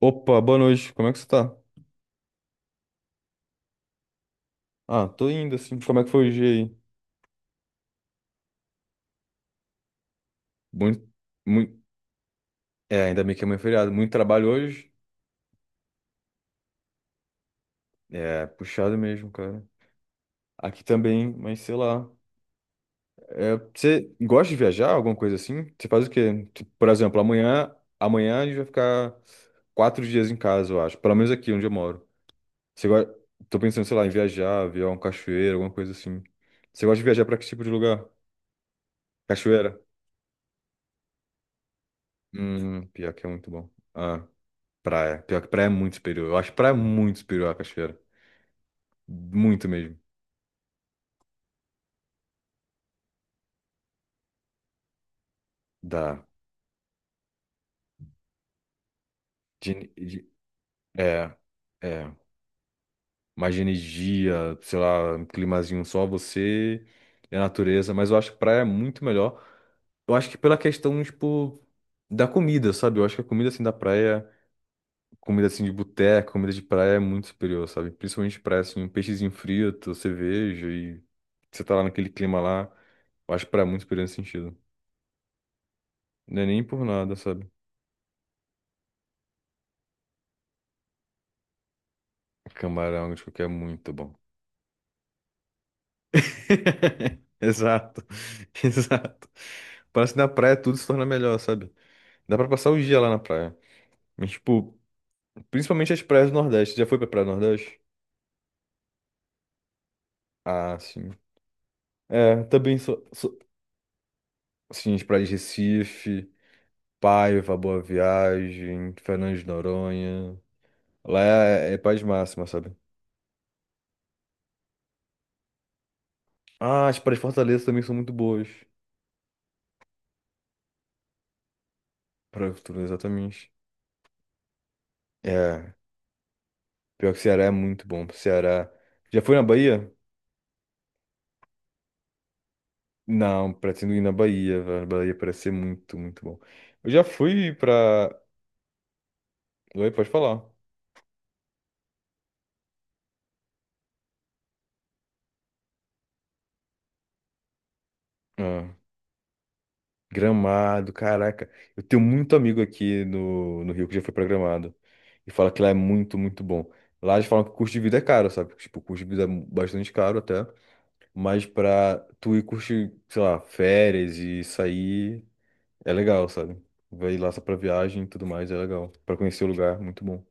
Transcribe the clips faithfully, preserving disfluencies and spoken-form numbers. Opa, boa noite. Como é que você tá? Ah, tô indo assim. Como é que foi o dia aí? Muito, muito. É, ainda bem que amanhã é feriado. Muito trabalho hoje. É, puxado mesmo, cara. Aqui também, mas sei lá. É, você gosta de viajar, alguma coisa assim? Você faz o quê? Tipo, por exemplo, amanhã, amanhã a gente vai ficar quatro dias em casa, eu acho. Pelo menos aqui onde eu moro. Você gosta... Tô pensando, sei lá, em viajar, ver um cachoeiro, alguma coisa assim. Você gosta de viajar pra que tipo de lugar? Cachoeira? Hum, pior que é muito bom. Ah. Praia. Pior que praia é muito superior. Eu acho praia muito superior à cachoeira. Muito mesmo. Dá. De- de- É, é. Mais de energia, sei lá, um climazinho só você e a natureza. Mas eu acho que praia é muito melhor. Eu acho que pela questão, tipo, da comida, sabe? Eu acho que a comida, assim, da praia, comida, assim, de boteco, comida de praia é muito superior, sabe? Principalmente praia, assim, um peixezinho frito, cerveja e você tá lá naquele clima lá. Eu acho praia muito superior nesse sentido. Não é nem por nada, sabe? Camarão, acho que é muito bom. Exato, exato. Parece que na praia tudo se torna melhor, sabe? Dá pra passar o dia lá na praia. Mas, tipo, principalmente as praias do Nordeste. Já foi pra praia do Nordeste? Ah, sim. É, também sou, sou, sim, as praias de Recife, Paiva, Boa Viagem, Fernando de Noronha. Lá é, é paz máxima, sabe? Ah, as praias de Fortaleza também são muito boas. Para do Futuro, exatamente. É, pior que Ceará é muito bom. Ceará. Já foi na Bahia? Não, pretendo ir na Bahia, velho. A Bahia parece ser muito, muito bom. Eu já fui pra. Oi, pode falar. Ah, Gramado, caraca. Eu tenho muito amigo aqui no, no Rio que já foi pra Gramado. E fala que lá é muito, muito bom. Lá eles falam que o custo de vida é caro, sabe? Tipo, o custo de vida é bastante caro até. Mas pra tu ir curtir, sei lá, férias e sair, é legal, sabe? Vai lá só pra viagem e tudo mais, é legal. Pra conhecer o lugar, muito bom.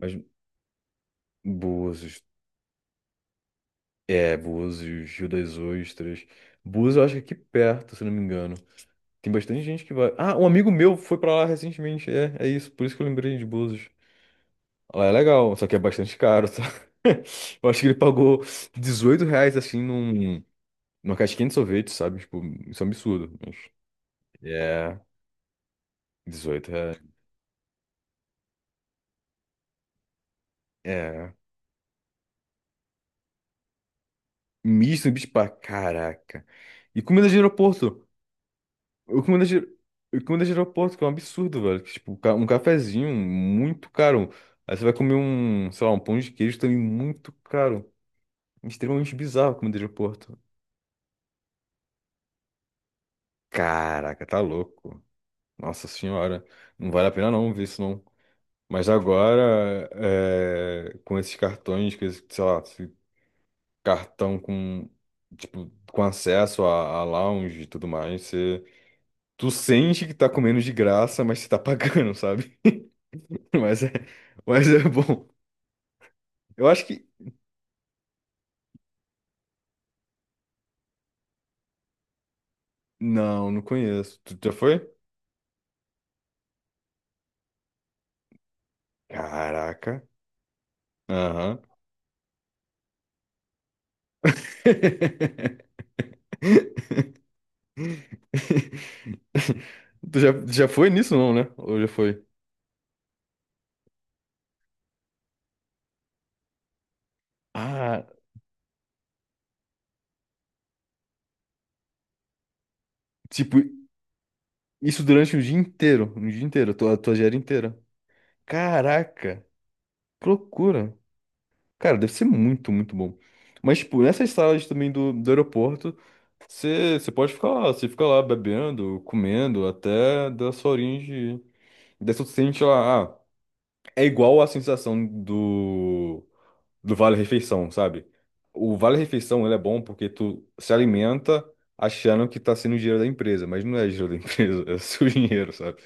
Mas Búzios. É, Búzios, Rio das Ostras. Búzios, eu acho que é aqui perto, se não me engano. Tem bastante gente que vai. Ah, um amigo meu foi pra lá recentemente. É, é isso. Por isso que eu lembrei de Búzios. Lá é legal, só que é bastante caro, tá? Eu acho que ele pagou dezoito reais, assim, num, numa casquinha de sorvete, sabe? Tipo, isso é um absurdo. Mas... É, dezoito. reais. É. Misto no Beach Park, caraca. E comida de aeroporto? O comida de, o comida de aeroporto, que é um absurdo, velho. Que, tipo, ca- um cafezinho muito caro. Aí você vai comer um, sei lá, um pão de queijo também muito caro. Extremamente bizarro a comida de aeroporto. Caraca, tá louco. Nossa Senhora. Não vale a pena não ver isso não. Mas agora, é, com esses cartões, com esse, sei lá, esse cartão com, tipo, com acesso a, a lounge e tudo mais, você, tu sente que tá comendo de graça, mas você tá pagando, sabe? Mas é, mas é bom. Eu acho que. Não, não conheço. Tu já foi? Caraca. Aham. Tu já, já foi nisso, não, né? Ou já foi? Ah, tipo, isso durante o dia inteiro. O dia inteiro, a tua, a tua diária inteira. Caraca, que loucura. Cara, deve ser muito, muito bom. Mas, tipo, nessas salas também do, do aeroporto, você você pode ficar lá, você fica lá bebendo, comendo, até dar sua horinha de, daí você sente lá, ah, é igual a sensação do, do vale-refeição, sabe? O vale-refeição, ele é bom porque tu se alimenta achando que tá sendo dinheiro da empresa, mas não é dinheiro da empresa, é o seu dinheiro, sabe?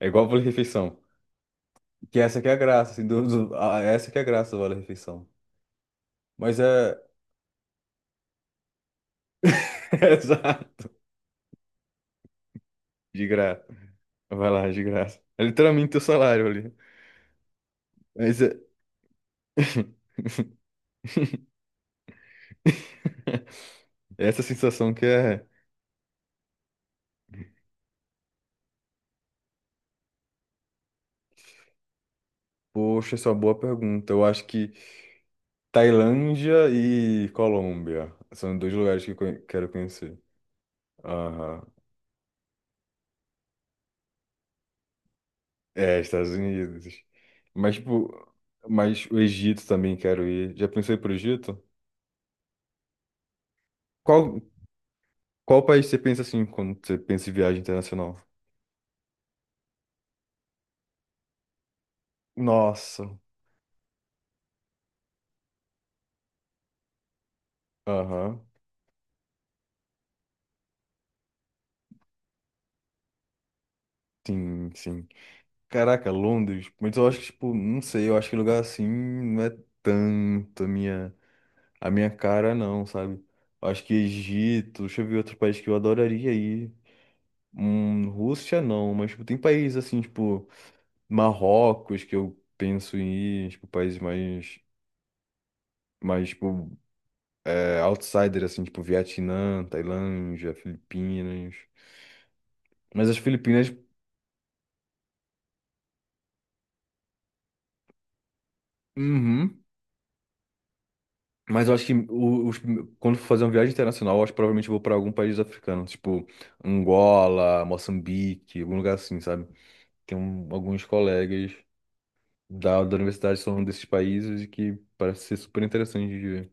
É igual o vale-refeição. Que essa que é a graça, assim, do, do- ah, essa que é a graça do vale-refeição. Mas é... É exato. De graça. Vai lá, de graça. É literalmente teu salário ali. Mas é... Essa sensação que é... Poxa, essa é uma boa pergunta. Eu acho que Tailândia e Colômbia. São dois lugares que eu conhe- quero conhecer. Aham. É, Estados Unidos. Mas, tipo, mas o Egito também quero ir. Já pensou em ir pro Egito? Qual, qual país você pensa assim quando você pensa em viagem internacional? Nossa. Aham. Sim, sim. Caraca, Londres. Mas eu acho que, tipo, não sei, eu acho que lugar assim não é tanto a minha, a minha cara, não, sabe? Eu acho que Egito, deixa eu ver outro país que eu adoraria ir. Hum, Rússia não, mas tipo, tem países assim, tipo, Marrocos, que eu penso em ir, tipo, países mais, mais, tipo, é, outsider, assim, tipo, Vietnã, Tailândia, Filipinas. Mas as Filipinas, uhum. Mas eu acho que o- os, quando for fazer uma viagem internacional, eu acho que provavelmente eu vou pra algum país africano, tipo, Angola, Moçambique, algum lugar assim, sabe? Tem um- alguns colegas da, da universidade que são desses países e que parece ser super interessante de ver.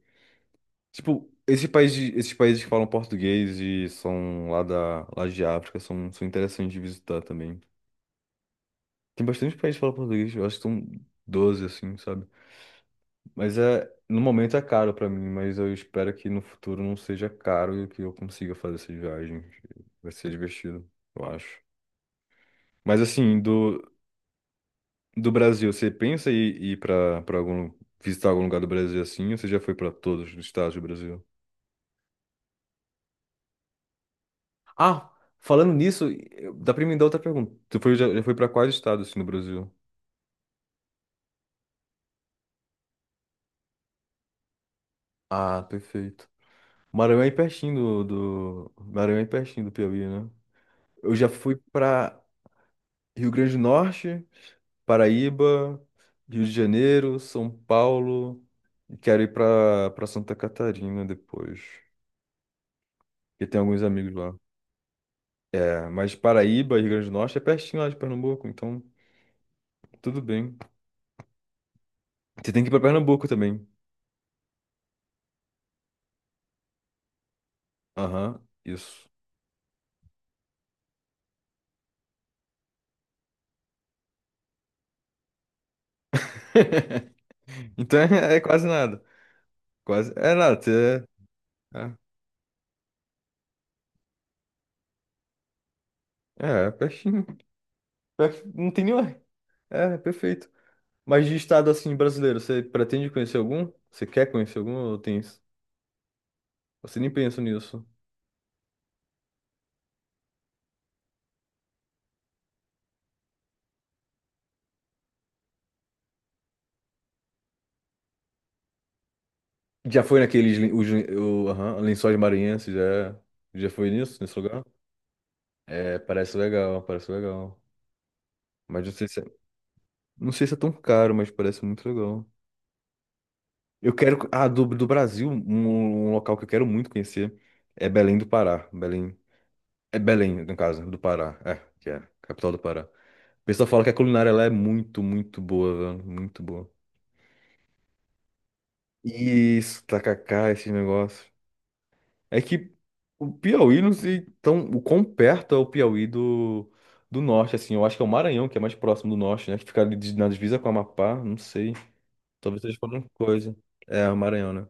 Tipo, esse país de- esses países que falam português e são lá, da, lá de África são, são interessantes de visitar também. Tem bastante países que falam português, eu acho que são doze assim, sabe? Mas é, no momento é caro pra mim, mas eu espero que no futuro não seja caro e que eu consiga fazer essas viagens. Vai ser divertido, eu acho. Mas assim, do, do Brasil, você pensa em ir pra, pra, algum, visitar algum lugar do Brasil assim, ou você já foi pra todos os estados do Brasil? Ah, falando nisso, eu- dá pra me dar outra pergunta. Tu foi, já, já foi pra quais estados assim, no Brasil? Ah, perfeito. Maranhão é pertinho do, do... Maranhão é pertinho do Piauí, né? Eu já fui pra Rio Grande do Norte, Paraíba, Rio de Janeiro, São Paulo. E quero ir pra, pra Santa Catarina depois. Porque tem alguns amigos lá. É, mas Paraíba, Rio Grande do Norte é pertinho lá de Pernambuco, então tudo bem. Você tem que ir pra Pernambuco também. Aham, isso. Então é, é quase nada. Quase. É nada. você- É, é, é pertinho. Per- Não tem nenhuma. É, é perfeito. Mas de estado assim brasileiro, você pretende conhecer algum? Você quer conhecer algum ou tem isso? Você nem pensa nisso. Já foi naqueles lin- os, lin- o, aham, Lençóis Maranhenses, já, já foi nisso, nesse lugar? É, parece legal, parece legal. Mas não sei se é, não sei se é tão caro, mas parece muito legal. Eu quero. Ah, do, do Brasil, um, um local que eu quero muito conhecer é Belém do Pará. Belém. É Belém, no caso, do Pará. É, que é, capital do Pará. O pessoal fala que a culinária lá é muito, muito boa, velho. Muito boa. Isso, tacacá, esse negócio. É que o Piauí não sei tão, o quão perto é o Piauí do, do norte, assim. Eu acho que é o Maranhão, que é mais próximo do norte, né? Que fica ali de- na divisa com o Amapá, não sei. Talvez seja alguma coisa. É, o Maranhão, né?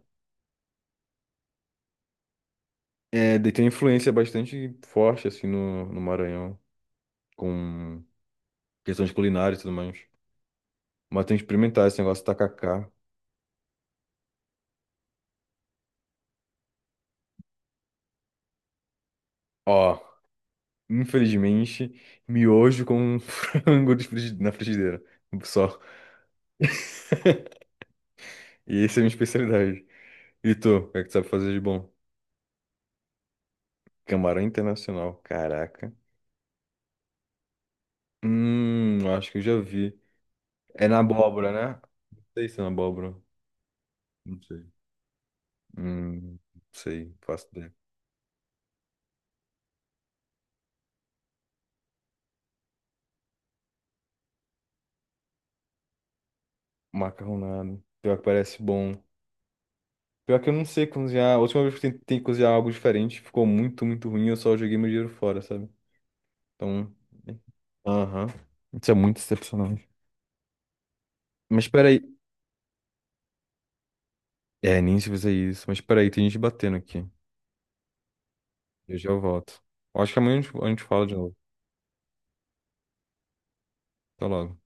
É, daí tem uma influência bastante forte, assim, no, no Maranhão, com questões culinárias e tudo mais. Mas tem que experimentar esse negócio de tacacá. Ó, infelizmente, miojo com frango de frigi- na frigideira. Só. E essa é a minha especialidade. E tu, o que é que tu sabe fazer de bom? Camarão internacional, caraca. Hum, acho que eu já vi. É na abóbora, né? Não sei se é na abóbora. Não sei. Hum, não sei, não faço ideia. Macarronado. Pior que parece bom. Pior que eu não sei cozinhar. A última vez que eu tentei cozinhar algo diferente, ficou muito, muito ruim. Eu só joguei meu dinheiro fora, sabe? Então, aham. Isso é muito decepcionante. Mas peraí. É, nem se fizer isso. Mas peraí, tem gente batendo aqui. Eu já volto. Eu acho que amanhã a gente a gente fala de novo. Até logo.